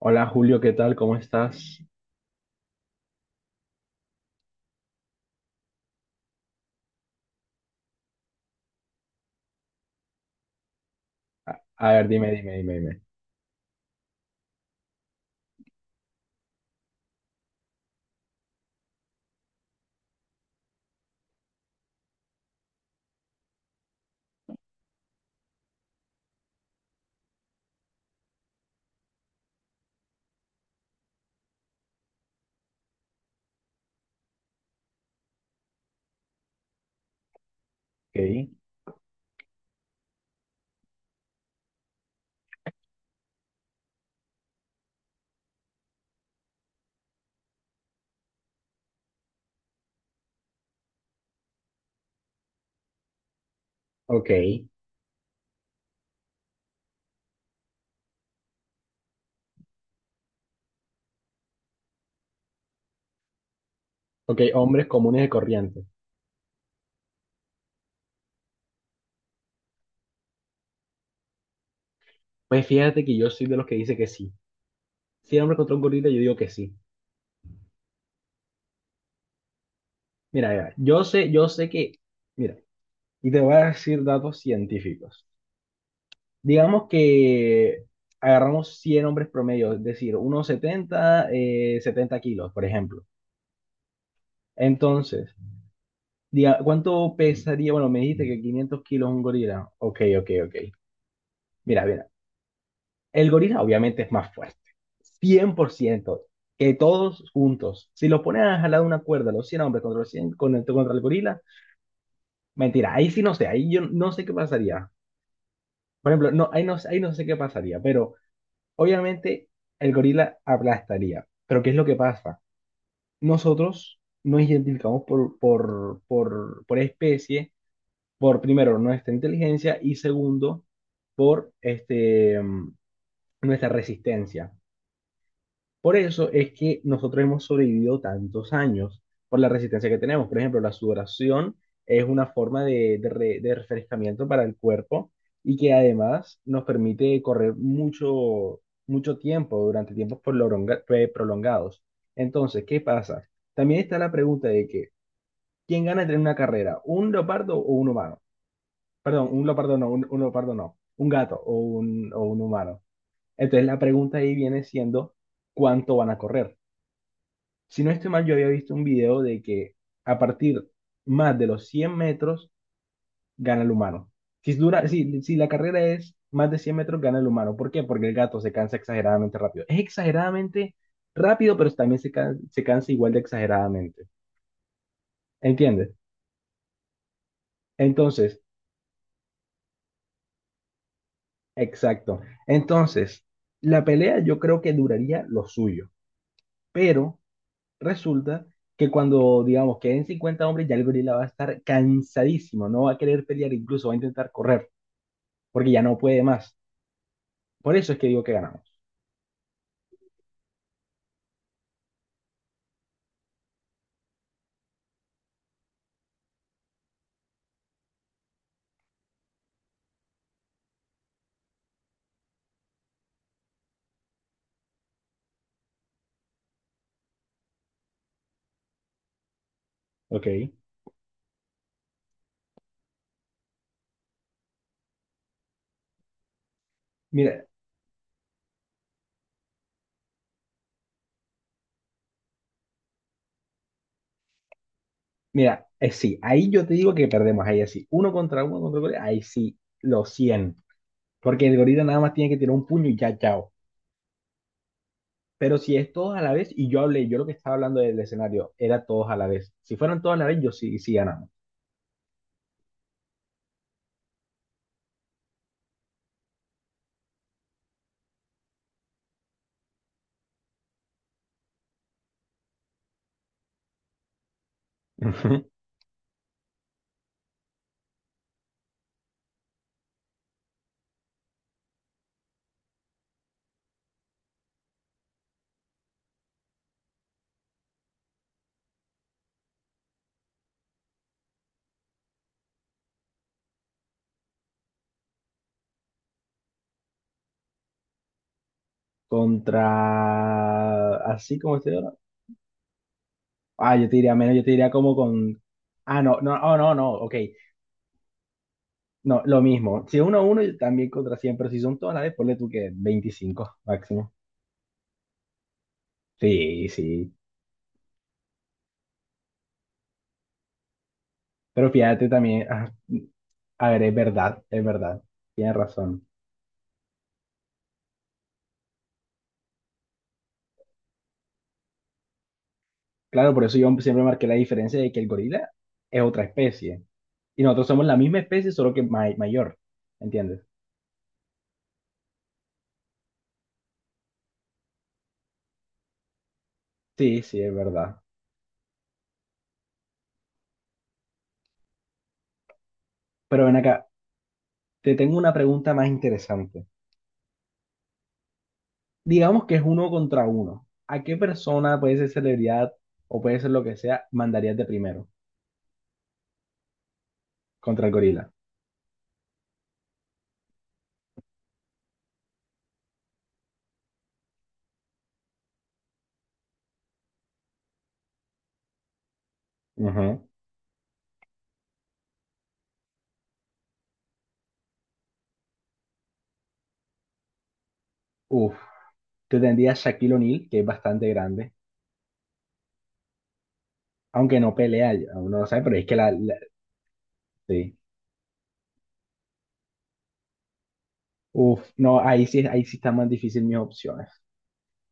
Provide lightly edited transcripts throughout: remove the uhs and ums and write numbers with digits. Hola, Julio, ¿qué tal? ¿Cómo estás? A ver, dime. Ok, ok, ok, hombres comunes y corrientes. Pues fíjate que yo soy de los que dice que sí. Si el hombre encontró un gordito, yo digo que sí. Mira, yo sé que, mira, y te voy a decir datos científicos. Digamos que agarramos 100 hombres promedio, es decir, unos 70 kilos, por ejemplo. Entonces, diga, ¿cuánto pesaría? Bueno, me dijiste que 500 kilos un gorila. Ok, ok, ok. Mira, mira. El gorila obviamente es más fuerte, cien por ciento que todos juntos. Si los ponen a jalar una cuerda, los 100 hombres los cien, contra el gorila, mentira, ahí sí no sé, ahí yo no sé qué pasaría. Por ejemplo, no, ahí, no, ahí no sé qué pasaría, pero obviamente el gorila aplastaría. Pero ¿qué es lo que pasa? Nosotros nos identificamos por especie, por primero nuestra inteligencia y segundo por nuestra resistencia. Por eso es que nosotros hemos sobrevivido tantos años por la resistencia que tenemos. Por ejemplo, la sudoración es una forma de refrescamiento para el cuerpo y que además nos permite correr mucho, mucho tiempo durante prolongados. Entonces, ¿qué pasa? También está la pregunta de que ¿quién gana en una carrera? ¿Un leopardo o un humano? Perdón, un leopardo no, un gato o un humano. Entonces la pregunta ahí viene siendo ¿cuánto van a correr? Si no estoy mal, yo había visto un video de que a partir más de los 100 metros gana el humano. Si dura, si, si la carrera es más de 100 metros, gana el humano. ¿Por qué? Porque el gato se cansa exageradamente rápido. Es exageradamente rápido, pero también se cansa igual de exageradamente. ¿Entiendes? Entonces, exacto. Entonces, la pelea yo creo que duraría lo suyo, pero resulta que cuando, digamos, queden 50 hombres, ya el gorila va a estar cansadísimo, no va a querer pelear, incluso va a intentar correr, porque ya no puede más. Por eso es que digo que ganamos. Ok. Mira, mira, sí, ahí yo te digo que perdemos, ahí así, uno contra el gorila, ahí sí, los cien, porque el gorila nada más tiene que tirar un puño y ya, chao. Pero si es todos a la vez, y yo hablé, yo lo que estaba hablando del escenario, era todos a la vez. Si fueran todos a la vez, yo sí, sí ganamos. Contra, así como estoy ahora. Ah, yo te diría menos, yo te diría como con... Ah, no, no, oh, no, no, ok. No, lo mismo. Si es uno a uno, yo también contra cien, pero si son todas las de, ponle tú que 25 máximo. Sí, sí. Pero fíjate también, ah, a ver, es verdad, es verdad. Tienes razón. Claro, por eso yo siempre marqué la diferencia de que el gorila es otra especie. Y nosotros somos la misma especie, solo que mayor. ¿Entiendes? Sí, sí, es verdad. Pero ven acá, te tengo una pregunta más interesante. Digamos que es uno contra uno. ¿A qué persona, puede ser celebridad o puede ser lo que sea, mandarías de primero contra el gorila? Ajá. Uf, tú tendrías Shaquille O'Neal, que es bastante grande, aunque no pelea, ya uno no sabe, pero es que sí. Uf, no, ahí sí están más difíciles mis opciones.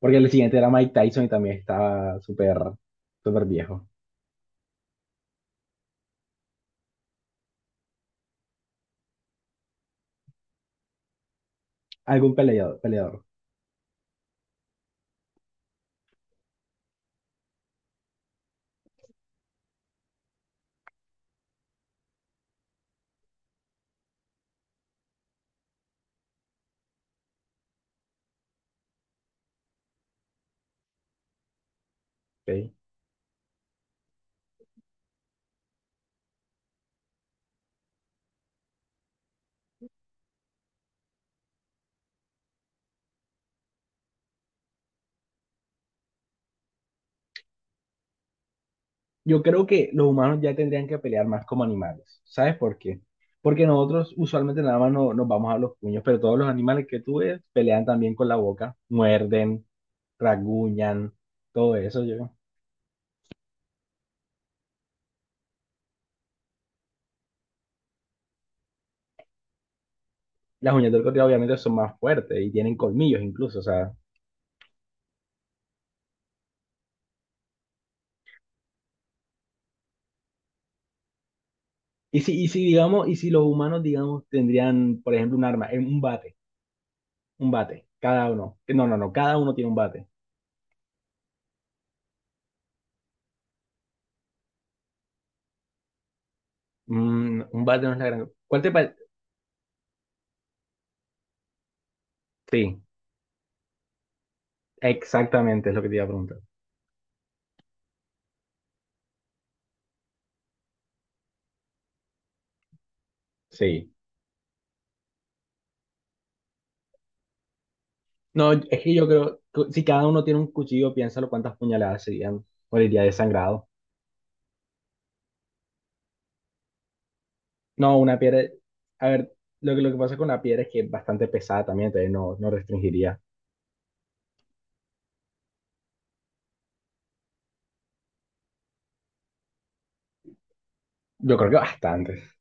Porque el siguiente era Mike Tyson y también está súper, súper viejo. Algún peleador. Ok. Yo creo que los humanos ya tendrían que pelear más como animales. ¿Sabes por qué? Porque nosotros usualmente nada más no, nos vamos a los puños, pero todos los animales que tú ves pelean también con la boca, muerden, rasguñan, todo eso. Yo. Las uñas del cocodrilo obviamente son más fuertes y tienen colmillos incluso, o sea, y si digamos, y si los humanos, digamos, tendrían, por ejemplo, un arma, un bate, cada uno, no, no, no, cada uno tiene un bate. Mm, un bate no es la gran, ¿cuál te parece? Sí, exactamente es lo que te iba a preguntar, sí, no, es que yo creo, si cada uno tiene un cuchillo, piénsalo cuántas puñaladas serían, moriría desangrado, no, una piedra, a ver, lo que pasa con la piedra es que es bastante pesada también, entonces no, no restringiría, yo creo que bastante.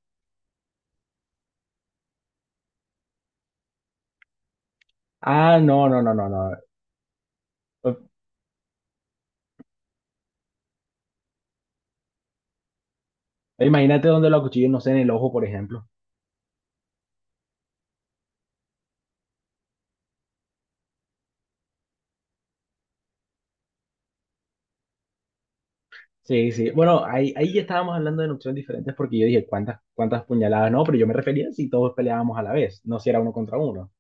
Ah, no. Imagínate donde lo acuchillan, no sé, en el ojo, por ejemplo. Sí, sí. Bueno, ahí ya estábamos hablando de opciones diferentes porque yo dije cuántas puñaladas? No, pero yo me refería a si todos peleábamos a la vez, no si era uno contra uno.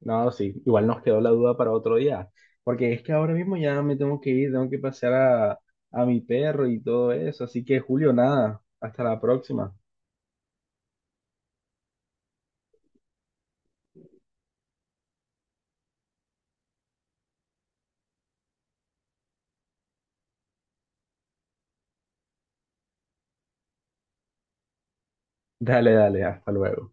No, sí. Igual nos quedó la duda para otro día. Porque es que ahora mismo ya me tengo que ir, tengo que pasear a mi perro y todo eso. Así que, Julio, nada. Hasta la próxima. Dale, dale, hasta luego.